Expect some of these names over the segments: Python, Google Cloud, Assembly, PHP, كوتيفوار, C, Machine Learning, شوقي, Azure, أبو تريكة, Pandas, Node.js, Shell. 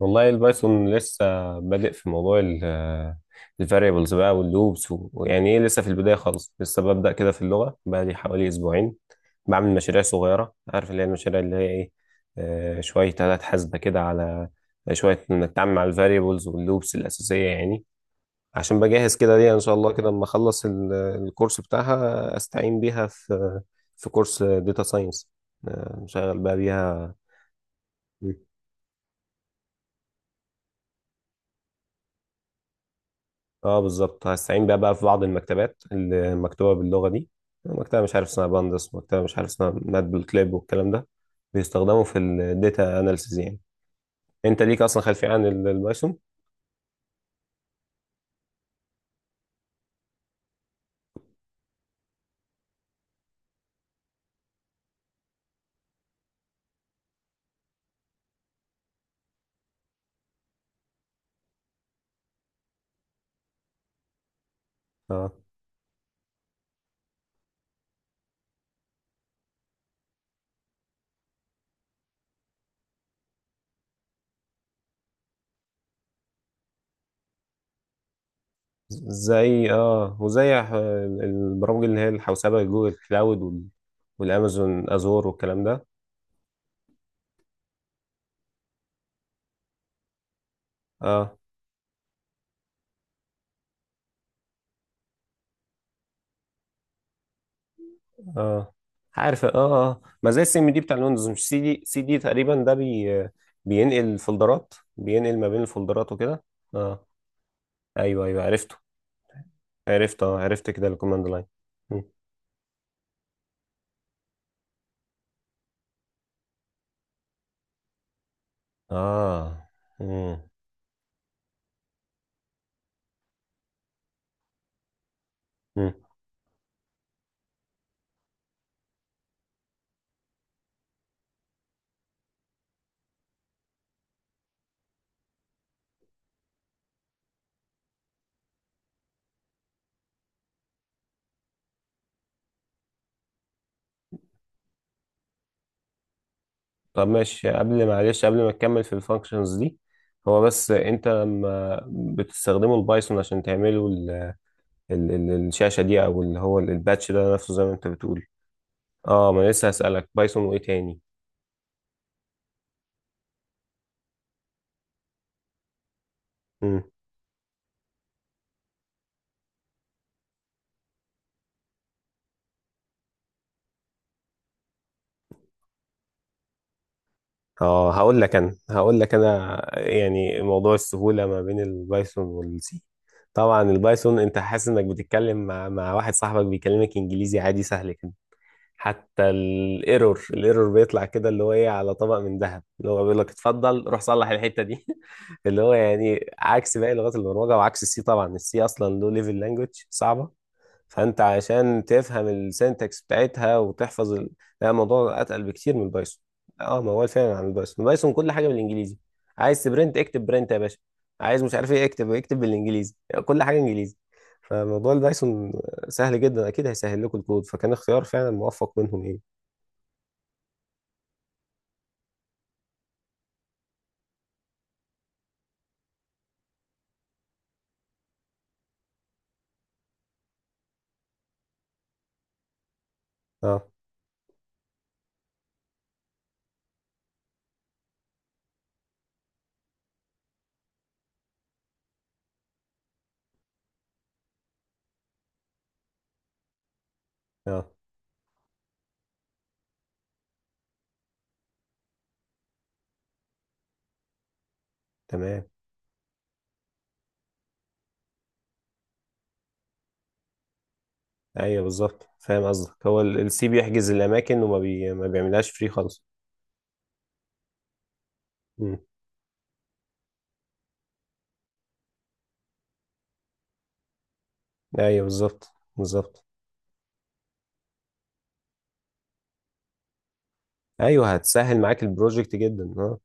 والله البايثون لسه بادئ في موضوع الفاريبلز بقى واللوبس، ويعني ايه لسه في البداية خالص. لسه ببدأ كده في اللغة بقالي حوالي أسبوعين. بعمل مشاريع صغيرة، عارف اللي هي المشاريع اللي هي ايه؟ شوية آلات حاسبة كده، على شوية نتعامل مع الفاريبلز واللوبس الأساسية يعني. عشان بجهز كده ليها إن شاء الله كده لما أخلص الكورس بتاعها، أستعين بيها في كورس داتا ساينس، شغال بقى بيها. اه بالظبط، هستعين بيها بقى في بعض المكتبات اللي مكتوبه باللغه دي. مكتبه مش عارف اسمها باندس، مكتبه مش عارف اسمها مات بالكليب والكلام ده، بيستخدموا في الداتا اناليسيز يعني. انت ليك اصلا خلفيه عن البايثون؟ اه، زي وزي البرامج اللي هي الحوسبه، جوجل كلاود والامازون ازور والكلام ده. اه اه، عارف اه. اه، ما زي السي ام دي بتاع الويندوز، مش سي دي، سي دي تقريبا ده بي. بينقل الفولدرات، بينقل ما بين الفولدرات وكده. اه، ايوه ايوه، عرفته. عرفت كده الكوماند لاين. مم. اه. مم. مم. طب ماشي، قبل، معلش، قبل ما تكمل في الفانكشنز دي، هو بس انت لما بتستخدموا البايثون عشان تعملوا ال ال ال الشاشة دي، او اللي هو الباتش ده نفسه زي ما انت بتقول. اه، ما أنا لسه هسألك بايثون وايه تاني. اه، هقول لك انا، يعني موضوع السهوله ما بين البايثون والسي. طبعا البايثون انت حاسس انك بتتكلم مع واحد صاحبك بيكلمك انجليزي عادي سهل كده. حتى الايرور، بيطلع كده اللي هو ايه، على طبق من ذهب، اللي هو بيقول لك اتفضل روح صلح الحته دي اللي هو يعني عكس باقي لغات البرمجه، وعكس السي. طبعا السي اصلا لو ليفل لانجوج صعبه. فانت عشان تفهم السنتكس بتاعتها وتحفظ ال... لا، الموضوع اتقل بكتير من البايثون. اه، ما هو فعلا عن البايثون، البايثون كل حاجه بالانجليزي. عايز تبرنت اكتب برنت يا باشا. عايز مش عارف ايه، اكتب بالانجليزي، يعني كل حاجه انجليزي. فموضوع البايثون سهل جدا، اكيد هيسهل لكم الكود، فكان اختيار فعلا موفق منهم ايه. اه اه، تمام. ايوه بالظبط، فاهم قصدك. هو السي بيحجز الاماكن ما بيعملهاش فري خالص. مم. ايوه بالظبط بالظبط. ايوه هتسهل معاك البروجكت جدا، اه.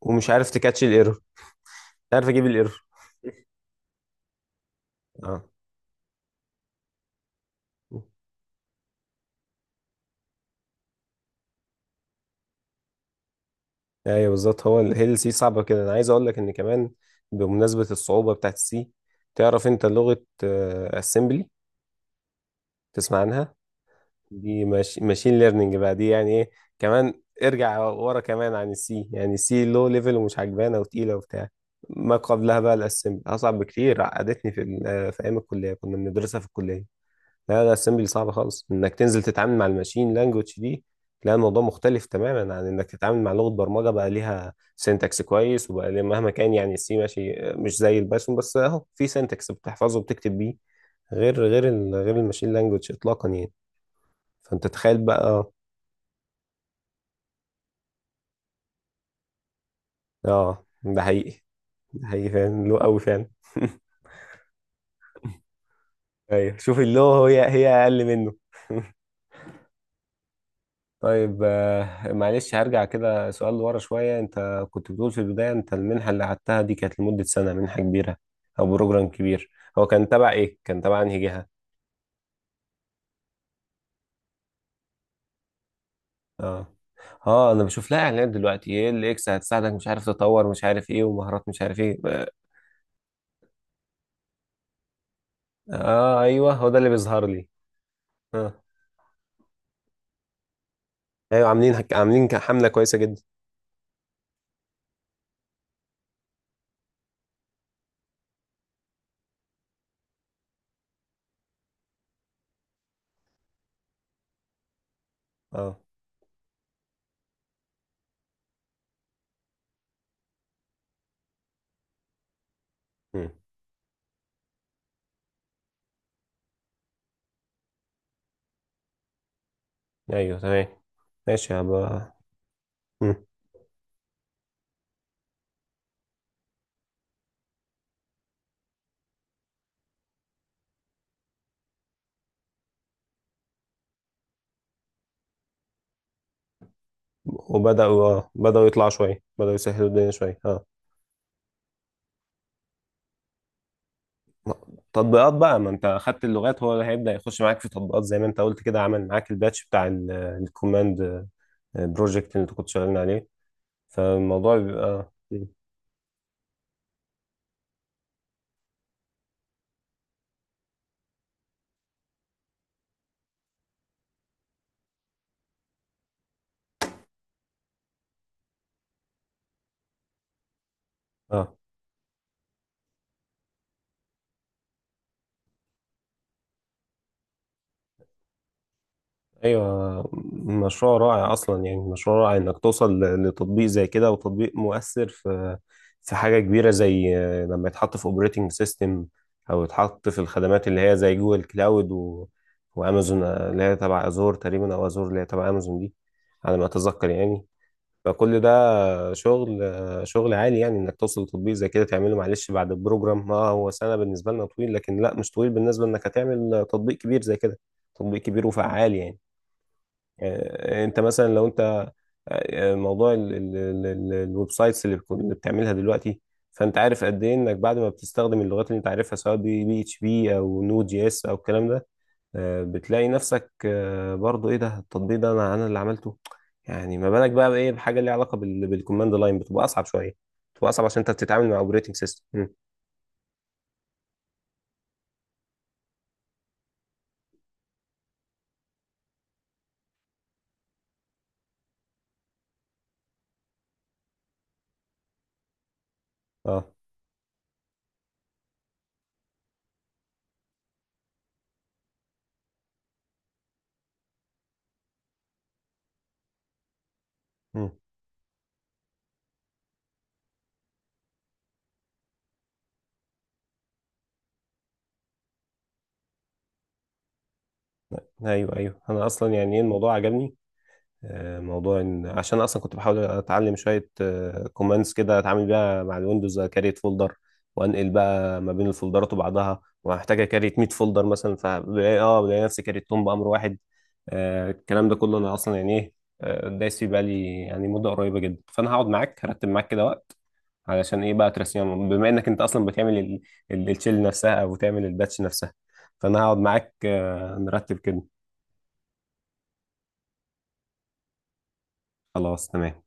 ومش عارف تكاتش الايرور، مش عارف اجيب الايرور. اه، ايوه بالظبط. هو هي السي صعبه كده، انا عايز اقول لك ان كمان، بمناسبه الصعوبه بتاعت السي، تعرف انت لغه اسمبلي؟ تسمع عنها دي؟ ماشين ليرنينج بقى دي يعني ايه. كمان ارجع ورا، كمان عن السي، يعني السي لو ليفل ومش عجبانه وتقيله وبتاع. ما قبلها بقى الاسمبلي اصعب بكتير، عقدتني في في ايام الكليه، كنا بندرسها في الكليه. لا لا، الاسمبلي صعب خالص انك تنزل تتعامل مع الماشين لانجوج دي. لا الموضوع مختلف تماما عن انك تتعامل مع لغه برمجه بقى ليها سينتاكس كويس، وبقى ليها مهما كان يعني، السي ماشي مش زي البايثون، بس اهو في سينتاكس بتحفظه وبتكتب بيه. غير غير الماشين لانجوج اطلاقا يعني. فانت تخيل بقى. اه ده حقيقي، ده حقيقي فعلا، له قوي فعلا. ايوه شوف، اللو هي، هي اقل منه. طيب معلش، هرجع كده سؤال لورا شوية. انت كنت بتقول في البداية انت المنحة اللي قعدتها دي كانت لمدة سنة، منحة كبيرة او بروجرام كبير. هو كان تبع ايه، كان تبع انهي جهة؟ اه اه، انا بشوف لها اعلانات دلوقتي، ايه اللي اكس هتساعدك، مش عارف تطور، مش عارف ايه، ومهارات مش عارف ايه. اه ايوه هو ده اللي بيظهر لي. اه ايوه، عاملين حملة كويسة جدا. اه. مم. ايوه تمام. ماشي هبقى. مم. وبدأوا اه بدأوا يطلعوا شوية، بدأوا يسهلوا الدنيا شوية اه. تطبيقات بقى، ما انت اخدت اللغات، هو اللي هيبدأ يخش معاك في تطبيقات زي ما انت قلت كده. عمل معاك الباتش بتاع الكوماند، بروجكت اللي انت كنت شغالين عليه. فالموضوع بيبقى اه ايوه، مشروع رائع اصلا يعني، مشروع رائع انك توصل لتطبيق زي كده، وتطبيق مؤثر في حاجة كبيرة زي لما يتحط في اوبريتنج سيستم، او يتحط في الخدمات اللي هي زي جوجل كلاود و... وامازون، اللي هي تبع ازور تقريبا، او ازور اللي هي تبع امازون دي، على ما اتذكر يعني. فكل ده شغل، عالي يعني. انك توصل لتطبيق زي كده، تعمله معلش بعد البروجرام، اه هو سنة بالنسبة لنا طويل، لكن لا مش طويل بالنسبة انك هتعمل تطبيق كبير زي كده، تطبيق كبير وفعال يعني. انت مثلا لو انت موضوع الويب سايتس اللي بتعملها دلوقتي. فانت عارف قد ايه انك بعد ما بتستخدم اللغات اللي انت عارفها سواء بي اتش بي او نود جي اس او الكلام ده، بتلاقي نفسك برضو ايه ده التطبيق ده، انا اللي عملته. يعني ما بالك بقى بايه، بحاجه ليها علاقه بالكوماند لاين، بتبقى اصعب شويه، بتبقى اصعب عشان انت بتتعامل مع اوبريتنج سيستم. اه. مم. ايوه ايوه، انا اصلا يعني ايه، الموضوع عجبني. موضوع ان عشان اصلا كنت بحاول اتعلم شويه كوماندز كده، اتعامل بيها مع الويندوز، كريت فولدر، وانقل بقى ما بين الفولدرات وبعضها. وهحتاج اكريت 100 فولدر مثلا، فبلاقي اه، بلاقي نفسي كريتهم بامر واحد. الكلام ده كله انا اصلا يعني ايه، دايس فيه بقالي يعني مده قريبه جدا. فانا هقعد معاك، هرتب معاك كده وقت، علشان ايه بقى، ترسيهم، بما انك انت اصلا بتعمل الشيل نفسها، او بتعمل الباتش نفسها. فانا هقعد معاك نرتب كده. خلاص تمام.